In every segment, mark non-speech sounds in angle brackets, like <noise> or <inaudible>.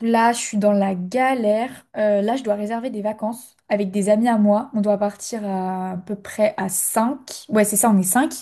Là, je suis dans la galère. Là, je dois réserver des vacances avec des amis à moi. On doit partir à peu près à 5. Ouais, c'est ça, on est cinq.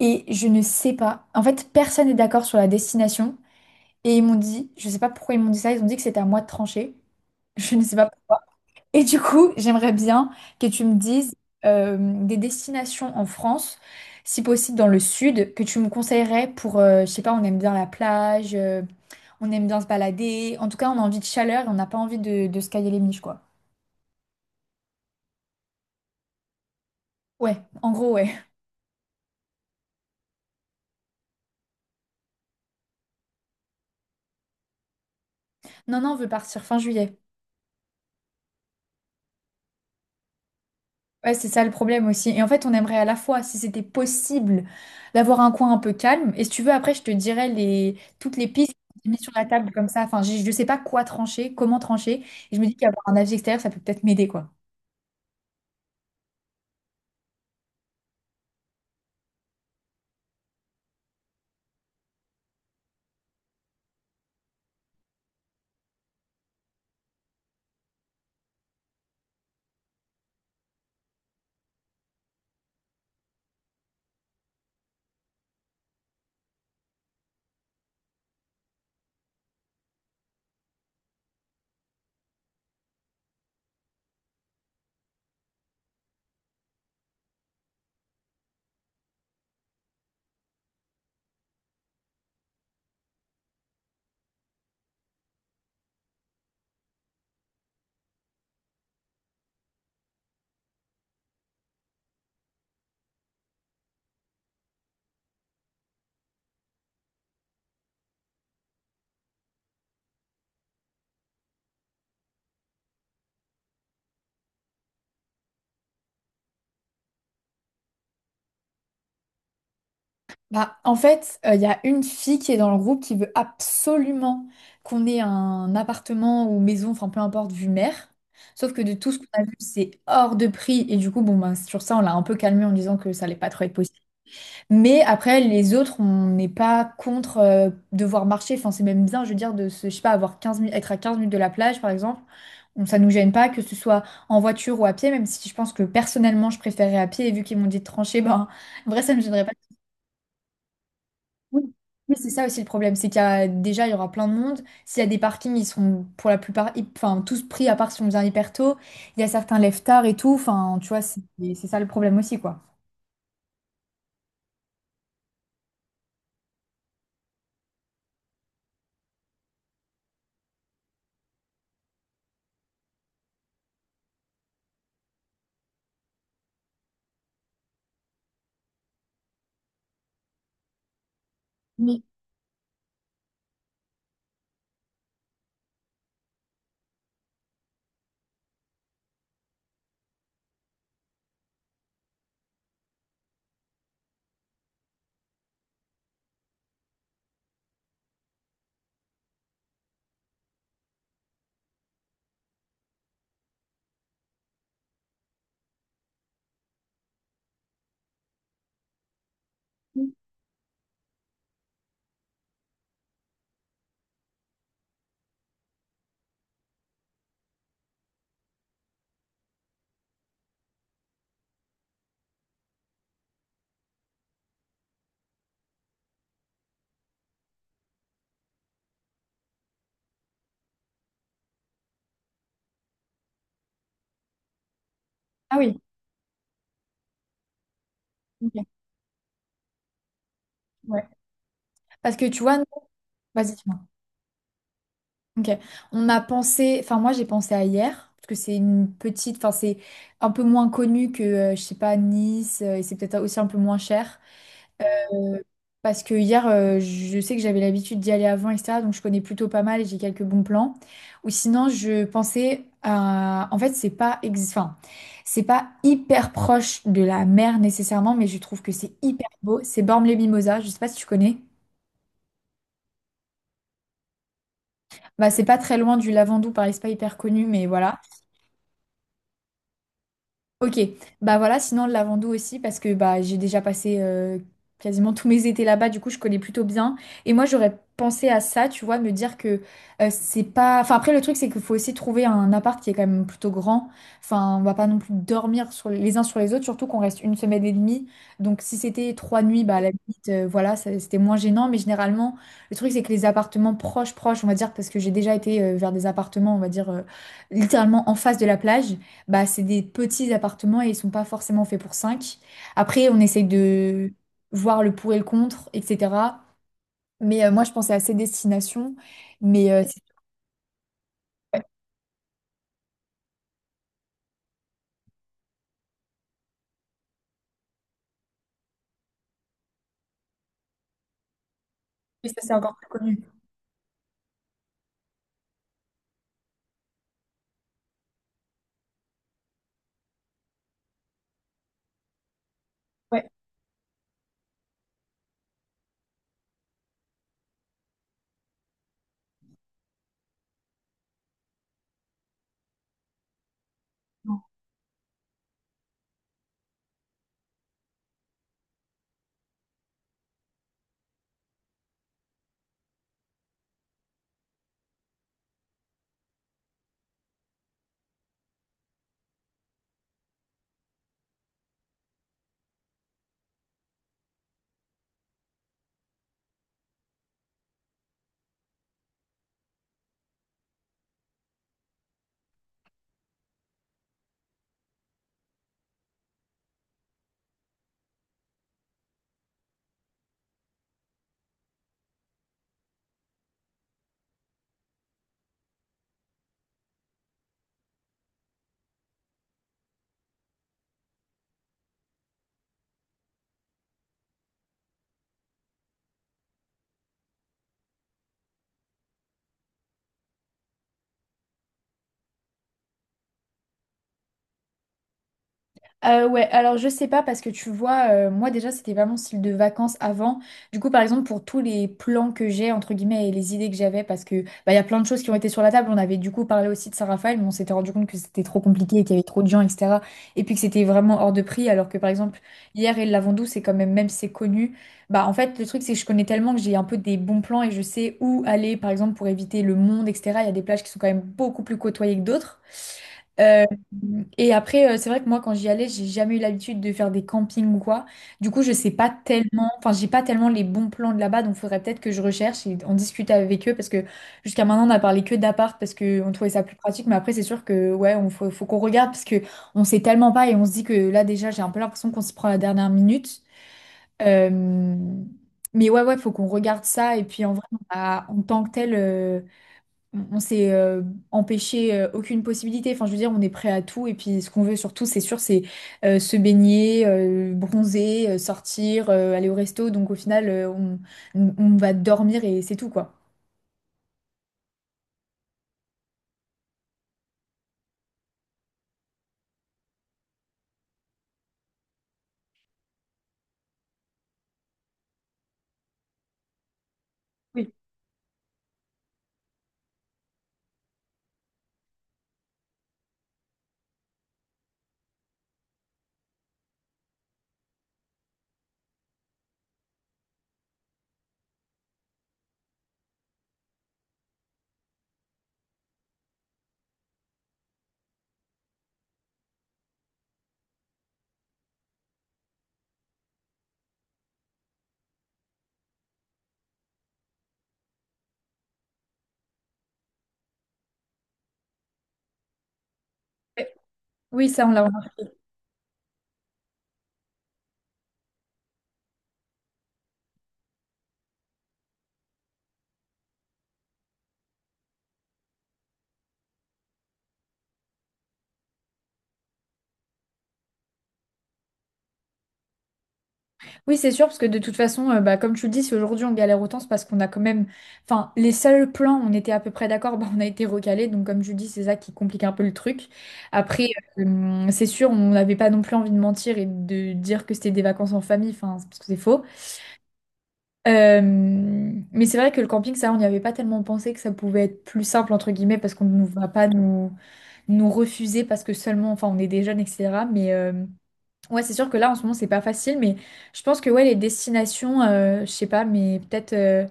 Et je ne sais pas. En fait, personne n'est d'accord sur la destination. Et ils m'ont dit, je sais pas pourquoi ils m'ont dit ça, ils ont dit que c'était à moi de trancher. <laughs> Je ne sais pas pourquoi. Et du coup, j'aimerais bien que tu me dises euh, des destinations en France, si possible dans le sud, que tu me conseillerais pour, je sais pas, on aime bien la plage, on aime bien se balader. En tout cas, on a envie de chaleur et on n'a pas envie de se cailler les miches, quoi. Ouais, en gros, ouais. Non, non, on veut partir fin juillet. Ouais, c'est ça le problème aussi. Et en fait, on aimerait à la fois, si c'était possible, d'avoir un coin un peu calme. Et si tu veux, après, je te dirais toutes les pistes mises sur la table comme ça. Enfin, je ne sais pas quoi trancher, comment trancher. Et je me dis qu'avoir un avis extérieur, ça peut peut-être m'aider, quoi. Bah, en fait, il y a une fille qui est dans le groupe qui veut absolument qu'on ait un appartement ou maison, enfin peu importe, vue mer. Sauf que de tout ce qu'on a vu, c'est hors de prix. Et du coup, bon, bah, sur ça, on l'a un peu calmé en disant que ça allait pas trop être possible. Mais après, les autres, on n'est pas contre devoir marcher. Enfin, c'est même bien, je veux dire, de se, je sais pas, avoir 15 minutes, être à 15 minutes de la plage, par exemple. Ça nous gêne pas, que ce soit en voiture ou à pied, même si je pense que personnellement, je préférais à pied. Et vu qu'ils m'ont dit de trancher, ben, en vrai, ça me gênerait. Oui, oui, c'est ça aussi le problème, c'est qu'il y a déjà il y aura plein de monde. S'il y a des parkings, ils sont pour la plupart, enfin tous pris à part si on vient hyper tôt. Il y a certains lève tard et tout. Enfin, tu vois, c'est ça le problème aussi quoi. Mais- Ah oui. Ok. Ouais. Parce que tu vois, vas-y, dis-moi. Ok. On a pensé, enfin moi j'ai pensé à hier parce que c'est une petite, enfin c'est un peu moins connu que je sais pas Nice, et c'est peut-être aussi un peu moins cher. Euh, parce que hier, je sais que j'avais l'habitude d'y aller avant, etc. Donc je connais plutôt pas mal et j'ai quelques bons plans. Ou sinon, je pensais à... En fait, c'est pas, enfin, c'est pas hyper proche de la mer nécessairement, mais je trouve que c'est hyper beau. C'est Bormes-les-Mimosas, je sais pas si tu connais. Bah, c'est pas très loin du Lavandou, pareil, c'est pas hyper connu, mais voilà. Ok, bah voilà, sinon le Lavandou aussi, parce que bah, j'ai déjà passé quasiment tous mes étés là-bas, du coup je connais plutôt bien. Et moi j'aurais pensé à ça, tu vois, me dire que c'est pas... Enfin après le truc c'est qu'il faut aussi trouver un appart qui est quand même plutôt grand. Enfin on va pas non plus dormir sur les uns sur les autres, surtout qu'on reste une semaine et demie. Donc si c'était trois nuits, bah à la limite, voilà, c'était moins gênant. Mais généralement le truc c'est que les appartements proches, proches, on va dire, parce que j'ai déjà été vers des appartements, on va dire, littéralement en face de la plage. Bah, c'est des petits appartements et ils sont pas forcément faits pour cinq. Après, on essaye de voir le pour et le contre, etc. Mais moi, je pensais à ces destinations. Mais euh, c'est- ouais, ça, c'est encore plus connu. Ouais. Ouais, alors je sais pas parce que tu vois, moi déjà c'était pas mon style de vacances avant. Du coup, par exemple, pour tous les plans que j'ai, entre guillemets, et les idées que j'avais, parce que bah, il y a plein de choses qui ont été sur la table. On avait du coup parlé aussi de Saint-Raphaël, mais on s'était rendu compte que c'était trop compliqué et qu'il y avait trop de gens, etc. Et puis que c'était vraiment hors de prix. Alors que par exemple, hier et le Lavandou, c'est quand même, même si c'est connu, bah en fait, le truc c'est que je connais tellement que j'ai un peu des bons plans et je sais où aller, par exemple, pour éviter le monde, etc. Il y a des plages qui sont quand même beaucoup plus côtoyées que d'autres. Euh, et après, c'est vrai que moi, quand j'y allais, j'ai jamais eu l'habitude de faire des campings ou quoi. Du coup, je sais pas tellement, enfin, j'ai pas tellement les bons plans de là-bas, donc faudrait peut-être que je recherche et on discute avec eux parce que jusqu'à maintenant, on a parlé que d'appart parce qu'on trouvait ça plus pratique. Mais après, c'est sûr que, ouais, faut qu'on regarde parce que on sait tellement pas et on se dit que là, déjà, j'ai un peu l'impression qu'on s'y prend à la dernière minute. Euh, mais ouais, ouais, faut qu'on regarde ça et puis en vrai, en tant que tel. On s'est, empêché aucune possibilité. Enfin, je veux dire, on est prêt à tout. Et puis, ce qu'on veut surtout, c'est sûr, c'est se baigner, bronzer, sortir, aller au resto. Donc, au final, on va dormir et c'est tout, quoi. Oui. Oui, ça, on l'a. Oui, c'est sûr, parce que de toute façon, bah, comme tu le dis, si aujourd'hui on galère autant, c'est parce qu'on a quand même. Enfin, les seuls plans, on était à peu près d'accord, <laughs> bah, on a été recalés. Donc, comme tu dis, c'est ça qui complique un peu le truc. Après, c'est sûr, on n'avait pas non plus envie de mentir et de dire que c'était des vacances en famille, enfin, c'est parce que c'est faux. Mais c'est vrai que le camping, ça, on n'y avait pas tellement pensé que ça pouvait être plus simple, entre guillemets, parce qu'on ne va pas nous refuser parce que seulement, enfin, on est des jeunes, etc. Ouais, c'est sûr que là, en ce moment, c'est pas facile, mais je pense que ouais, les destinations, je sais pas, mais peut-être euh,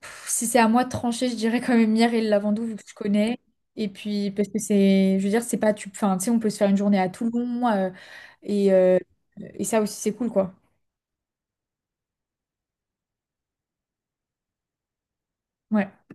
pff, si c'est à moi de trancher, je dirais quand même Myre et le Lavandou, vu que je connais. Et puis, parce que c'est, je veux dire, c'est pas, enfin, tu sais, on peut se faire une journée à Toulon, et, euh, et ça aussi, c'est cool, quoi. Ouais.